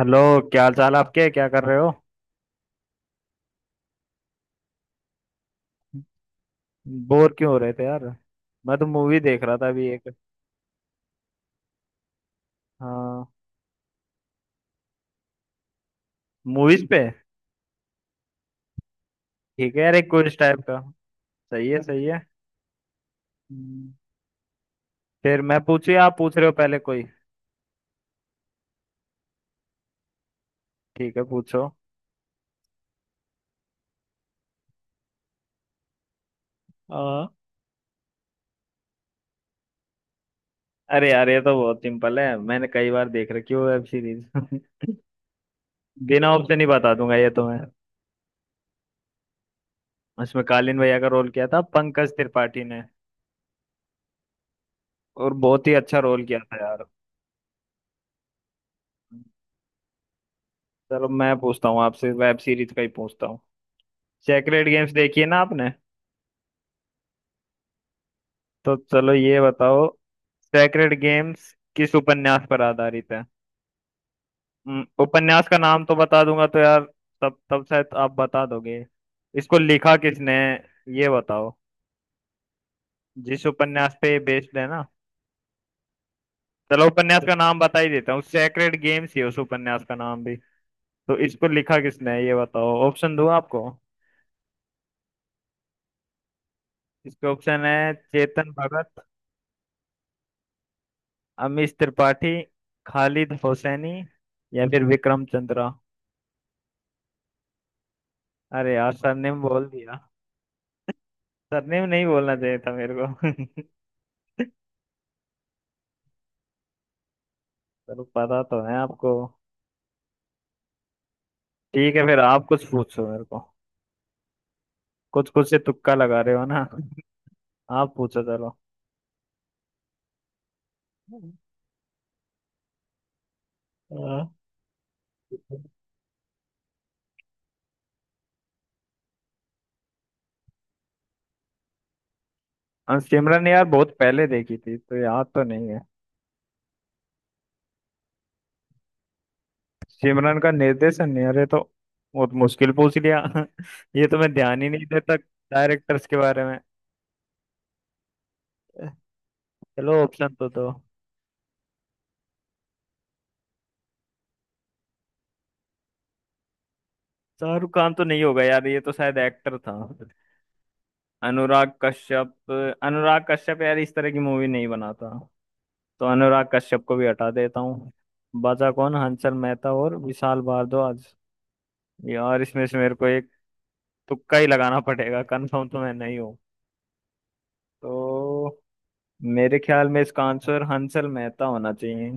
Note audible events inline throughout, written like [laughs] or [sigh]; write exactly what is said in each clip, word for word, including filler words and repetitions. Hello. क्या हाल चाल आपके, क्या कर रहे हो? बोर क्यों हो रहे थे यार? मैं तो मूवी देख रहा था अभी एक। हाँ। मूवीज पे। ठीक है यार, एक क्विज टाइप का। सही है, सही है। हम्म। फिर मैं पूछू या आप पूछ रहे हो पहले कोई? ठीक है, पूछो। आ, अरे यार, ये तो बहुत सिंपल है। मैंने कई बार देख रखी है वेब सीरीज। [laughs] बिना ऑप्शन ही बता दूंगा ये तो मैं। इसमें कालीन भैया का रोल किया था पंकज त्रिपाठी ने। और बहुत ही अच्छा रोल किया था यार। चलो मैं पूछता हूँ आपसे, वेब सीरीज का ही पूछता हूँ। सेक्रेड गेम्स देखी है ना आपने? तो चलो ये बताओ। सेक्रेड गेम्स किस उपन्यास पर आधारित है? हम्म, उपन्यास का नाम तो बता दूंगा तो यार, तब तब शायद आप बता दोगे। इसको लिखा किसने है, ये बताओ। जिस उपन्यास पे ये बेस्ड है ना। चलो उपन्यास का नाम बता ही देता हूँ, सेक्रेड गेम्स ही है उस उपन्यास का नाम भी। तो इसको लिखा किसने है ये बताओ। ऑप्शन दूं आपको? इसके ऑप्शन है चेतन भगत, अमीश त्रिपाठी, खालिद हुसैनी या फिर विक्रम चंद्रा। अरे यार, सरनेम बोल दिया। सरनेम नहीं बोलना चाहिए था मेरे को। [laughs] चलो, पता तो है आपको। ठीक है, फिर आप कुछ पूछो मेरे को। कुछ कुछ से तुक्का लगा रहे हो ना। [laughs] आप पूछो चलो। हाँ। हाँ, सिमरन यार बहुत पहले देखी थी तो याद तो नहीं है। सिमरन का निर्देशन यार, ये तो बहुत मुश्किल पूछ लिया। [laughs] ये तो मैं ध्यान ही नहीं देता डायरेक्टर्स के बारे में। चलो ऑप्शन तो दो। शाहरुख खान तो नहीं होगा यार, ये तो शायद एक्टर था। अनुराग कश्यप। अनुराग कश्यप यार इस तरह की मूवी नहीं बनाता, तो अनुराग कश्यप को भी हटा देता हूँ। बचा कौन, हंसल मेहता और विशाल भारद्वाज। यार इसमें से मेरे को एक तुक्का ही लगाना पड़ेगा, कंफर्म तो मैं नहीं हूँ। तो मेरे ख्याल में इसका आंसर हंसल मेहता होना चाहिए।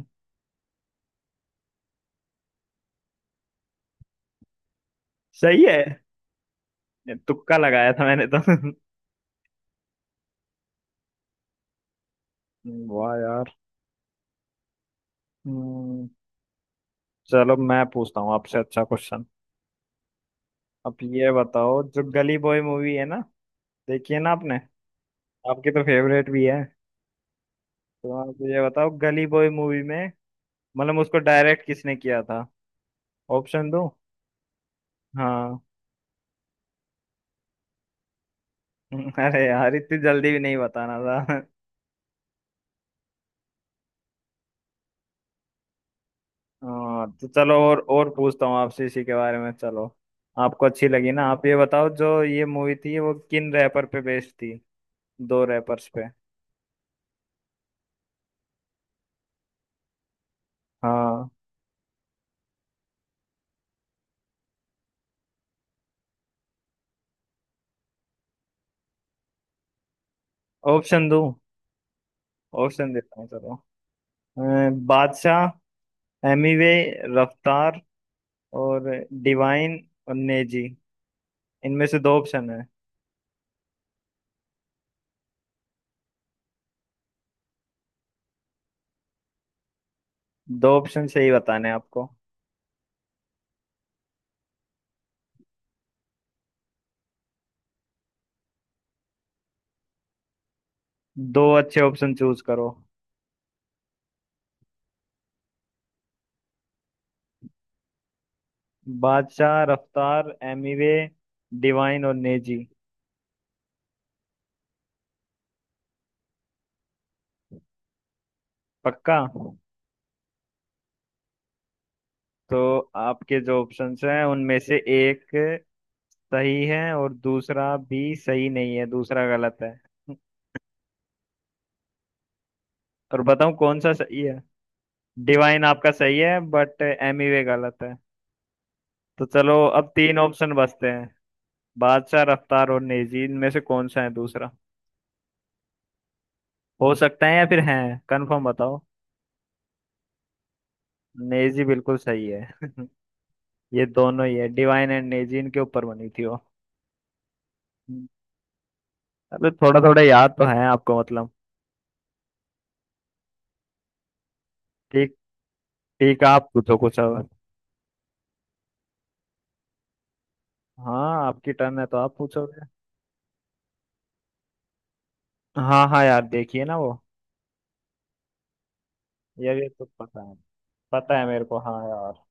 सही है। तुक्का लगाया था मैंने तो। [laughs] वाह यार। हम्म। चलो मैं पूछता हूँ आपसे अच्छा क्वेश्चन। अब ये बताओ जो गली बॉय मूवी है ना, देखिए ना आपने। आपकी तो फेवरेट भी है। तो आप मुझे बताओ गली बॉय मूवी में मतलब उसको डायरेक्ट किसने किया था। ऑप्शन दो? हाँ। [laughs] अरे यार, इतनी जल्दी भी नहीं बताना था। हाँ तो चलो, और और पूछता हूँ आपसे इसी के बारे में, चलो। आपको अच्छी लगी ना, आप ये बताओ जो ये मूवी थी वो किन रैपर पे बेस्ड थी? दो रैपर्स पे। हाँ। ऑप्शन दो। ऑप्शन देता हूँ चलो। अ, बादशाह, एमिवे, रफ्तार और डिवाइन और नेजी, इनमें से दो ऑप्शन है। दो ऑप्शन सही बताने हैं आपको। दो अच्छे ऑप्शन चूज करो। बादशाह, रफ्तार, एमीवे, डिवाइन और नेजी। पक्का? तो आपके जो ऑप्शंस हैं उनमें से एक सही है और दूसरा भी सही नहीं है, दूसरा गलत है। और बताऊं कौन सा सही है? डिवाइन आपका सही है बट एमीवे गलत है। तो चलो अब तीन ऑप्शन बचते हैं। बादशाह, रफ्तार और नेजी, इनमें से कौन सा है दूसरा? हो सकता है या फिर है? कंफर्म बताओ। नेजी बिल्कुल सही है। [laughs] ये दोनों ही है, डिवाइन एंड नेजी इनके ऊपर बनी थी वो। अबे थोड़ा थोड़ा याद तो है आपको मतलब। ठीक। ठीक, आप पूछो कुछ अब। हाँ आपकी टर्न है तो आप पूछोगे। हाँ हाँ यार, देखिए ना वो। यार ये तो पता है। पता है मेरे को, हाँ यार।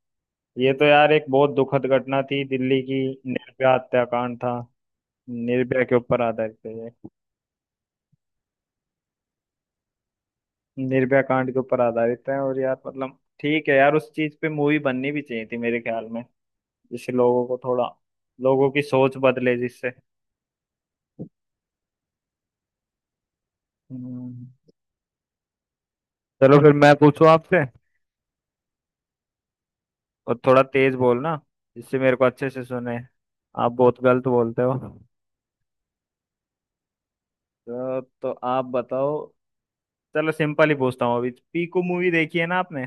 ये तो यार एक बहुत दुखद घटना थी दिल्ली की। निर्भया हत्याकांड था। निर्भया के ऊपर आधारित है ये। निर्भया कांड के ऊपर आधारित है। और यार मतलब ठीक है यार, उस चीज पे मूवी बननी भी चाहिए थी मेरे ख्याल में, जिससे लोगों को थोड़ा, लोगों की सोच बदले जिससे। हम्म, चलो फिर मैं पूछूं आपसे। और थोड़ा तेज बोलना, जिससे मेरे को अच्छे से सुने। आप बहुत गलत बोलते हो। तो, तो आप बताओ। चलो सिंपल ही पूछता हूँ। अभी पीकू मूवी देखी है ना आपने?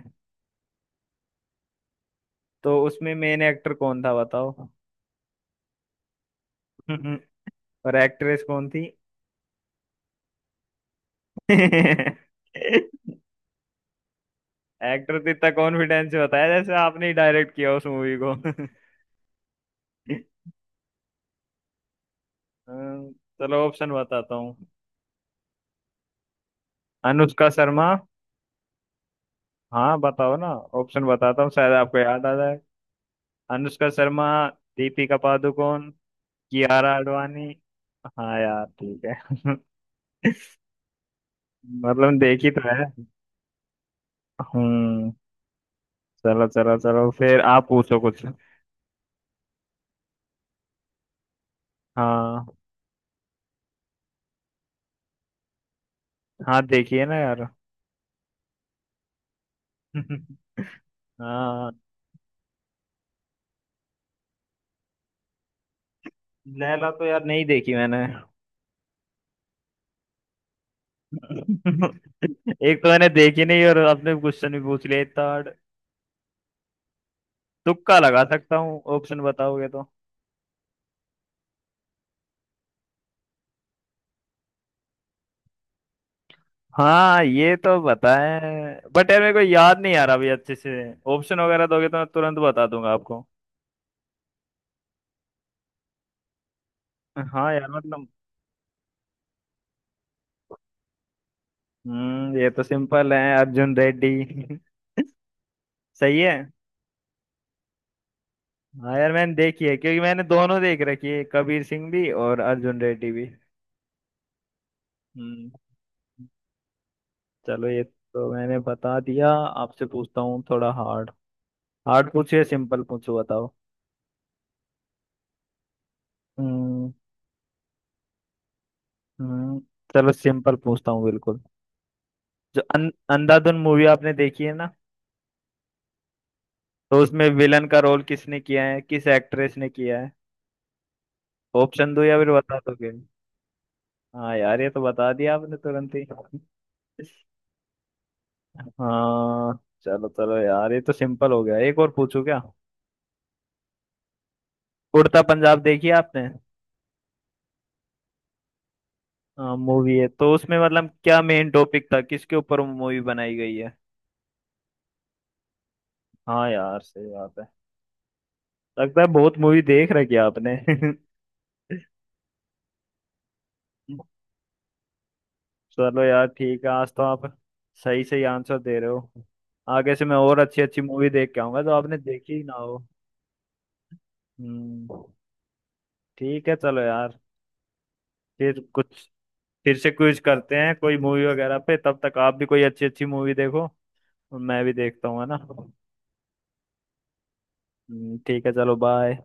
तो उसमें मेन एक्टर कौन था बताओ। [laughs] और एक्ट्रेस कौन थी? [laughs] एक्टर तो इतना कॉन्फिडेंस से बताया जैसे आपने ही डायरेक्ट किया उस मूवी को। [laughs] अ, चलो ऑप्शन बताता हूँ। अनुष्का शर्मा। हाँ बताओ ना। ऑप्शन बताता हूँ शायद आपको याद आ जाए। अनुष्का शर्मा, दीपिका पादुकोण, कियारा आडवाणी। हाँ यार ठीक है। [laughs] मतलब देखी तो है। हम्म। चलो चलो चलो, फिर आप पूछो कुछ। हाँ। हाँ देखिए ना यार। [laughs] हाँ। लैला तो यार नहीं देखी मैंने। [laughs] एक तो मैंने देखी नहीं और आपने क्वेश्चन भी पूछ लिया इतना hard। तुक्का लगा सकता हूँ, ऑप्शन बताओगे तो। हाँ ये तो पता है। बट यार मेरे को याद नहीं आ रहा अभी अच्छे से। ऑप्शन वगैरह दोगे तो मैं तुरंत बता दूंगा आपको। हाँ यार मतलब। हम्म ये तो सिंपल है, अर्जुन रेड्डी। [laughs] सही है। हाँ यार मैंने देखी है, क्योंकि मैंने दोनों देख रखी है, कबीर सिंह भी और अर्जुन रेड्डी भी। हम्म। चलो ये तो मैंने बता दिया, आपसे पूछता हूँ थोड़ा हार्ड। हार्ड पूछो या सिंपल पूछो बताओ। हम्म। हम्म। चलो सिंपल पूछता हूँ बिल्कुल। जो अं, अंधाधुन मूवी आपने देखी है ना? तो उसमें विलन का रोल किसने किया है, किस एक्ट्रेस ने किया है? ऑप्शन दो या फिर बता दोगे। हाँ यार, ये तो बता दिया आपने तुरंत ही। हाँ। चलो चलो यार, ये तो सिंपल हो गया। एक और पूछू क्या? उड़ता पंजाब देखी है आपने? हाँ मूवी है, तो उसमें मतलब क्या मेन टॉपिक था, किसके ऊपर मूवी बनाई गई है? हाँ यार सही बात है। लगता है बहुत मूवी देख रखी है आपने। [laughs] चलो यार ठीक है, आज तो आप सही सही आंसर दे रहे हो। आगे से मैं और अच्छी अच्छी मूवी देख के आऊंगा, जो आपने देखी ही ना हो। हम्म। ठीक है चलो यार। फिर कुछ, फिर से क्विज करते हैं कोई मूवी वगैरह पे, तब तक आप भी कोई अच्छी अच्छी मूवी देखो और मैं भी देखता हूँ, है ना? हम्म, ठीक है चलो बाय।